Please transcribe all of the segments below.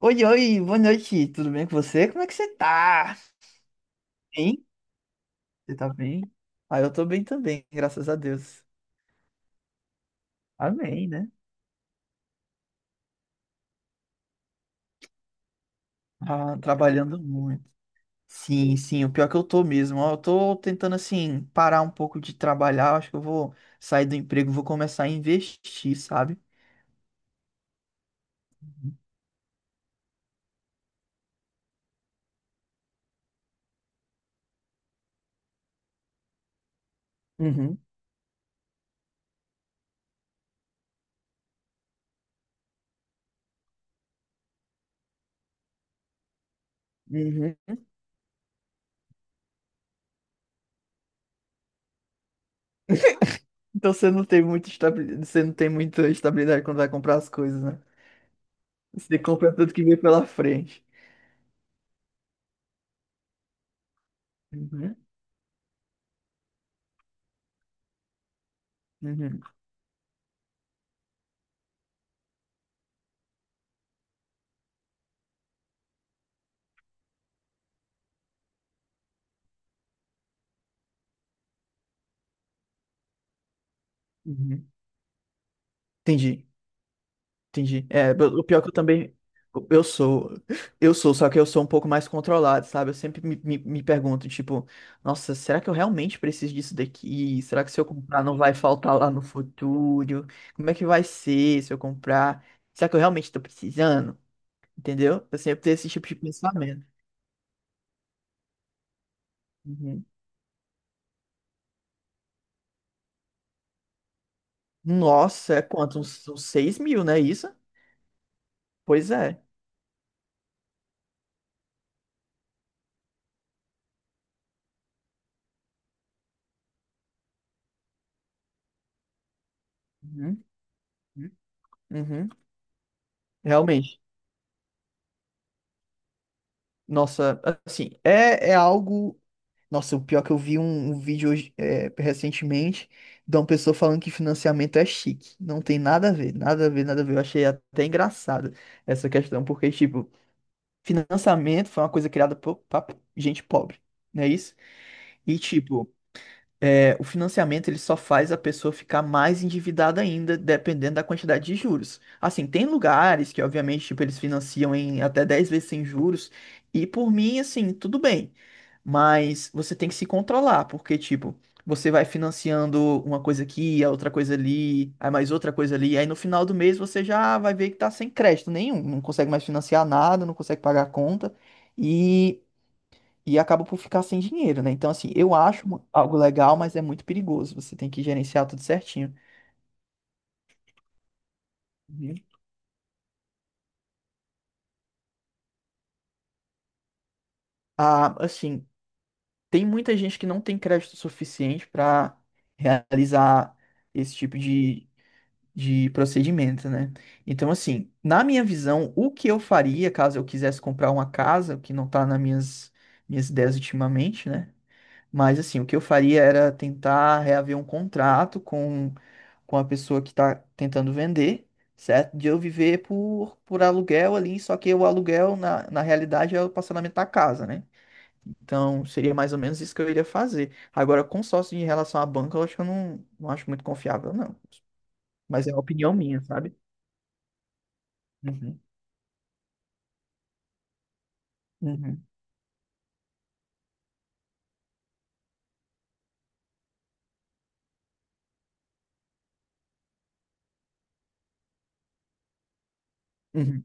Oi, oi, boa noite, tudo bem com você? Como é que você tá? Bem? Você tá bem? Ah, eu tô bem também, graças a Deus. Amém, né? Ah, trabalhando muito. Sim, sim, o pior que eu tô mesmo. Ó, eu tô tentando, assim, parar um pouco de trabalhar. Acho que eu vou sair do emprego, vou começar a investir, sabe? Uhum, uhum. Então você não tem você não tem muita estabilidade quando vai comprar as coisas, né? Você compra tudo que vem pela frente. Uhum, uhum, uhum. Entendi. Entendi. É, o pior é que eu também. Eu sou. Eu sou, só que eu sou um pouco mais controlado, sabe? Eu sempre me pergunto, tipo, nossa, será que eu realmente preciso disso daqui? Será que se eu comprar não vai faltar lá no futuro? Como é que vai ser se eu comprar? Será que eu realmente tô precisando? Entendeu? Assim, eu sempre tenho esse tipo de pensamento. Uhum. Nossa, é quanto? Uns 6 mil, né? Isso? Pois é. Uhum. Uhum. Realmente. Nossa, assim, é algo. Nossa, o pior é que eu vi um vídeo hoje, recentemente, de uma pessoa falando que financiamento é chique. Não tem nada a ver, nada a ver, nada a ver. Eu achei até engraçado essa questão, porque, tipo, financiamento foi uma coisa criada pra gente pobre, não é isso? E, tipo, o financiamento ele só faz a pessoa ficar mais endividada ainda, dependendo da quantidade de juros. Assim, tem lugares que, obviamente, tipo, eles financiam em até 10 vezes sem juros, e por mim, assim, tudo bem. Mas você tem que se controlar, porque, tipo, você vai financiando uma coisa aqui, a outra coisa ali, aí mais outra coisa ali, aí no final do mês você já vai ver que tá sem crédito nenhum, não consegue mais financiar nada, não consegue pagar a conta, e e acaba por ficar sem dinheiro, né? Então, assim, eu acho algo legal, mas é muito perigoso. Você tem que gerenciar tudo certinho. Uhum. Ah, assim, tem muita gente que não tem crédito suficiente para realizar esse tipo de procedimento, né? Então, assim, na minha visão, o que eu faria caso eu quisesse comprar uma casa, o que não tá nas minhas ideias ultimamente, né? Mas assim, o que eu faria era tentar reaver um contrato com a pessoa que está tentando vender, certo? De eu viver por aluguel ali, só que o aluguel, na realidade, é o parcelamento da casa, né? Então, seria mais ou menos isso que eu iria fazer. Agora, consórcio em relação à banca, eu acho que eu não acho muito confiável, não. Mas é uma opinião minha, sabe? Uhum, uhum, uhum.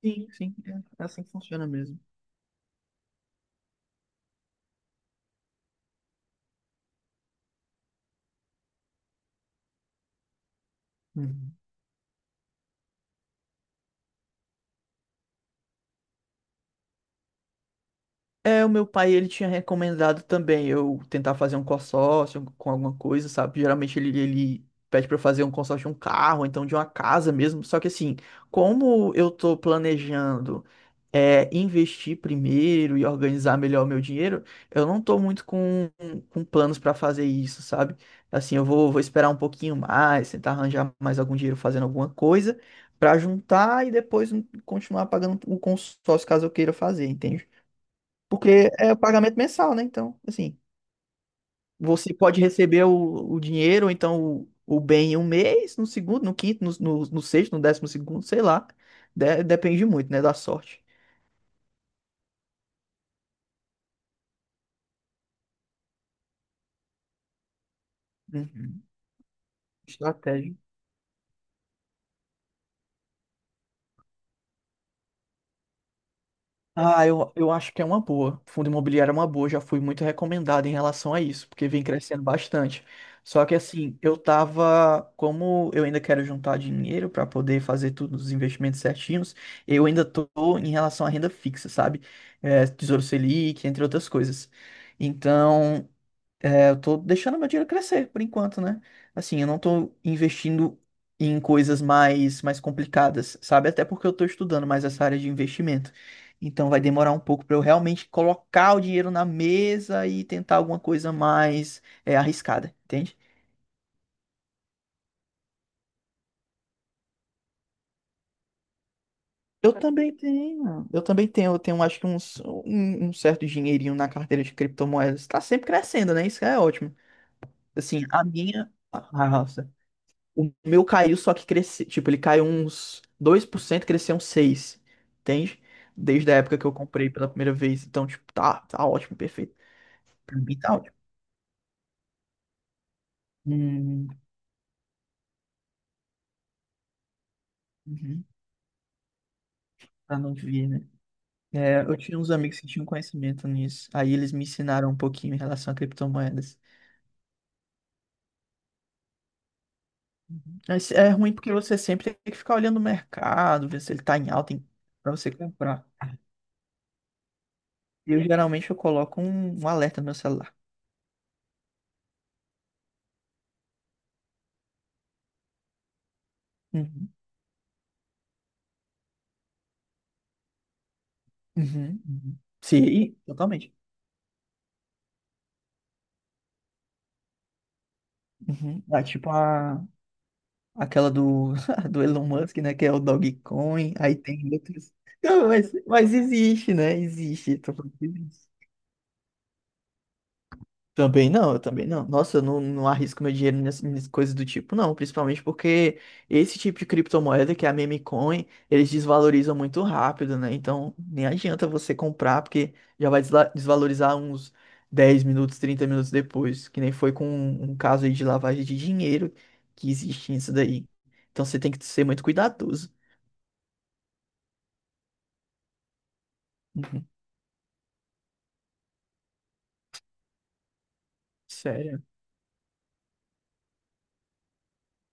Sim, sim, é assim que funciona mesmo. Uhum. É, o meu pai, ele tinha recomendado também eu tentar fazer um consórcio com alguma coisa, sabe? Geralmente ele pede pra eu fazer um consórcio de um carro, então de uma casa mesmo. Só que assim, como eu tô planejando investir primeiro e organizar melhor o meu dinheiro, eu não tô muito com planos pra fazer isso, sabe? Assim, eu vou esperar um pouquinho mais, tentar arranjar mais algum dinheiro fazendo alguma coisa pra juntar e depois continuar pagando o consórcio caso eu queira fazer, entende? Porque é o pagamento mensal, né? Então, assim, você pode receber o dinheiro, ou então o bem em um mês, no segundo, no quinto, no sexto, no décimo segundo, sei lá. Depende muito, né, da sorte. Uhum. Estratégia. Ah, eu acho que é uma boa. Fundo imobiliário é uma boa, já fui muito recomendado em relação a isso, porque vem crescendo bastante. Só que assim, eu tava, como eu ainda quero juntar dinheiro para poder fazer todos os investimentos certinhos, eu ainda tô em relação à renda fixa, sabe? É, Tesouro Selic, entre outras coisas. Então, eu tô deixando meu dinheiro crescer por enquanto, né? Assim, eu não tô investindo em coisas mais complicadas, sabe? Até porque eu tô estudando mais essa área de investimento. Então vai demorar um pouco para eu realmente colocar o dinheiro na mesa e tentar alguma coisa mais arriscada, entende? Eu também tenho, eu tenho acho que um certo dinheirinho na carteira de criptomoedas. Tá sempre crescendo, né? Isso é ótimo. Assim, a minha. Ah, o meu caiu, só que cresceu. Tipo, ele caiu uns 2% cresceu uns 6%. Entende? Desde a época que eu comprei pela primeira vez. Então, tipo, tá ótimo, perfeito. Pra mim tá ótimo. Hum, uhum, pra não vir, né? É, eu tinha uns amigos que tinham conhecimento nisso. Aí eles me ensinaram um pouquinho em relação a criptomoedas. Mas é ruim porque você sempre tem que ficar olhando o mercado, ver se ele tá em alta pra você comprar. Eu geralmente eu coloco um alerta no meu celular. Uhum, uhum, uhum. Sim, totalmente. Uhum. Ah, tipo aquela do, do Elon Musk, né? Que é o Dogecoin. Aí tem outros. Não, mas existe, né? Existe. Tô falando que existe. Também não, eu também não. Nossa, eu não arrisco meu dinheiro nessas coisas do tipo, não. Principalmente porque esse tipo de criptomoeda, que é a meme coin, eles desvalorizam muito rápido, né? Então, nem adianta você comprar, porque já vai desvalorizar uns 10 minutos, 30 minutos depois. Que nem foi com um caso aí de lavagem de dinheiro que existe nisso daí. Então, você tem que ser muito cuidadoso. Uhum. Sério.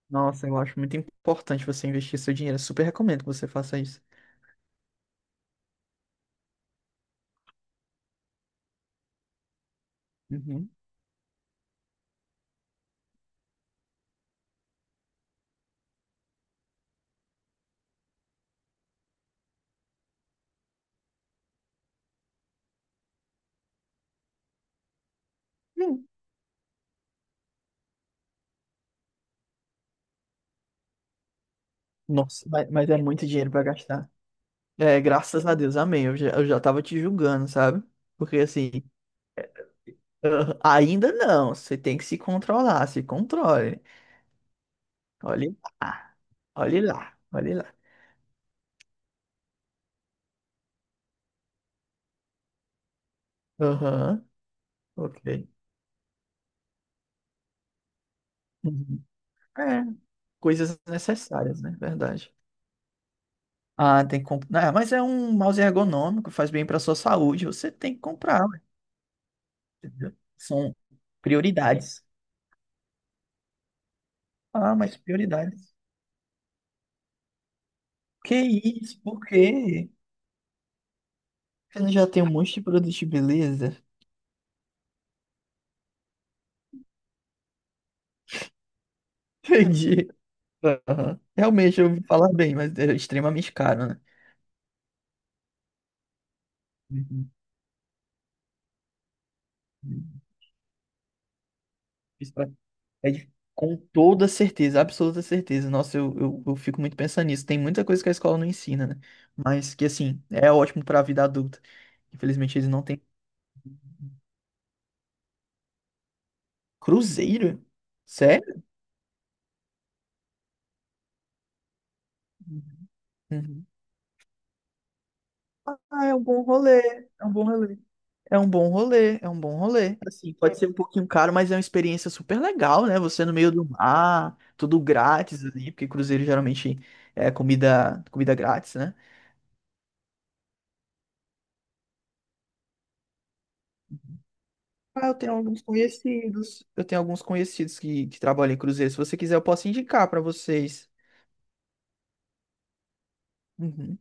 Nossa, eu acho muito importante você investir seu dinheiro. Eu super recomendo que você faça isso. Uhum. Nossa, mas é muito dinheiro pra gastar. É, graças a Deus, amém. Eu já tava te julgando, sabe? Porque assim, ah, ainda não. Você tem que se controlar, se controle. Olhe lá, olhe lá, olhe lá. Aham, ok. Uhum. É, coisas necessárias, né? Verdade. Ah, tem que comprar, mas é um mouse ergonômico, faz bem pra sua saúde. Você tem que comprar, ué, entendeu? São prioridades. Ah, mas prioridades. Que isso? Por quê? Você não já tem um monte de produto de beleza? Entendi. Aham. Realmente, eu ouvi falar bem, mas é extremamente caro, né? Uhum. Isso é com toda certeza, absoluta certeza. Nossa, eu fico muito pensando nisso. Tem muita coisa que a escola não ensina, né? Mas que, assim, é ótimo para a vida adulta. Infelizmente, eles não têm. Cruzeiro? Sério? Uhum. Ah, é um bom rolê. É um bom rolê. É um bom rolê, é um bom rolê. Assim, pode ser um pouquinho caro, mas é uma experiência super legal, né? Você no meio do mar, tudo grátis ali, porque cruzeiro geralmente é comida, comida grátis, né? Ah, eu tenho alguns conhecidos. Eu tenho alguns conhecidos que trabalham em cruzeiro. Se você quiser, eu posso indicar pra vocês. Uhum.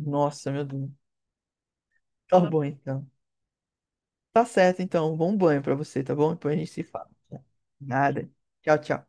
Nossa, meu Deus. Tá bom, então. Tá certo, então. Bom banho pra você, tá bom? Depois a gente se fala. Nada. Tchau, tchau.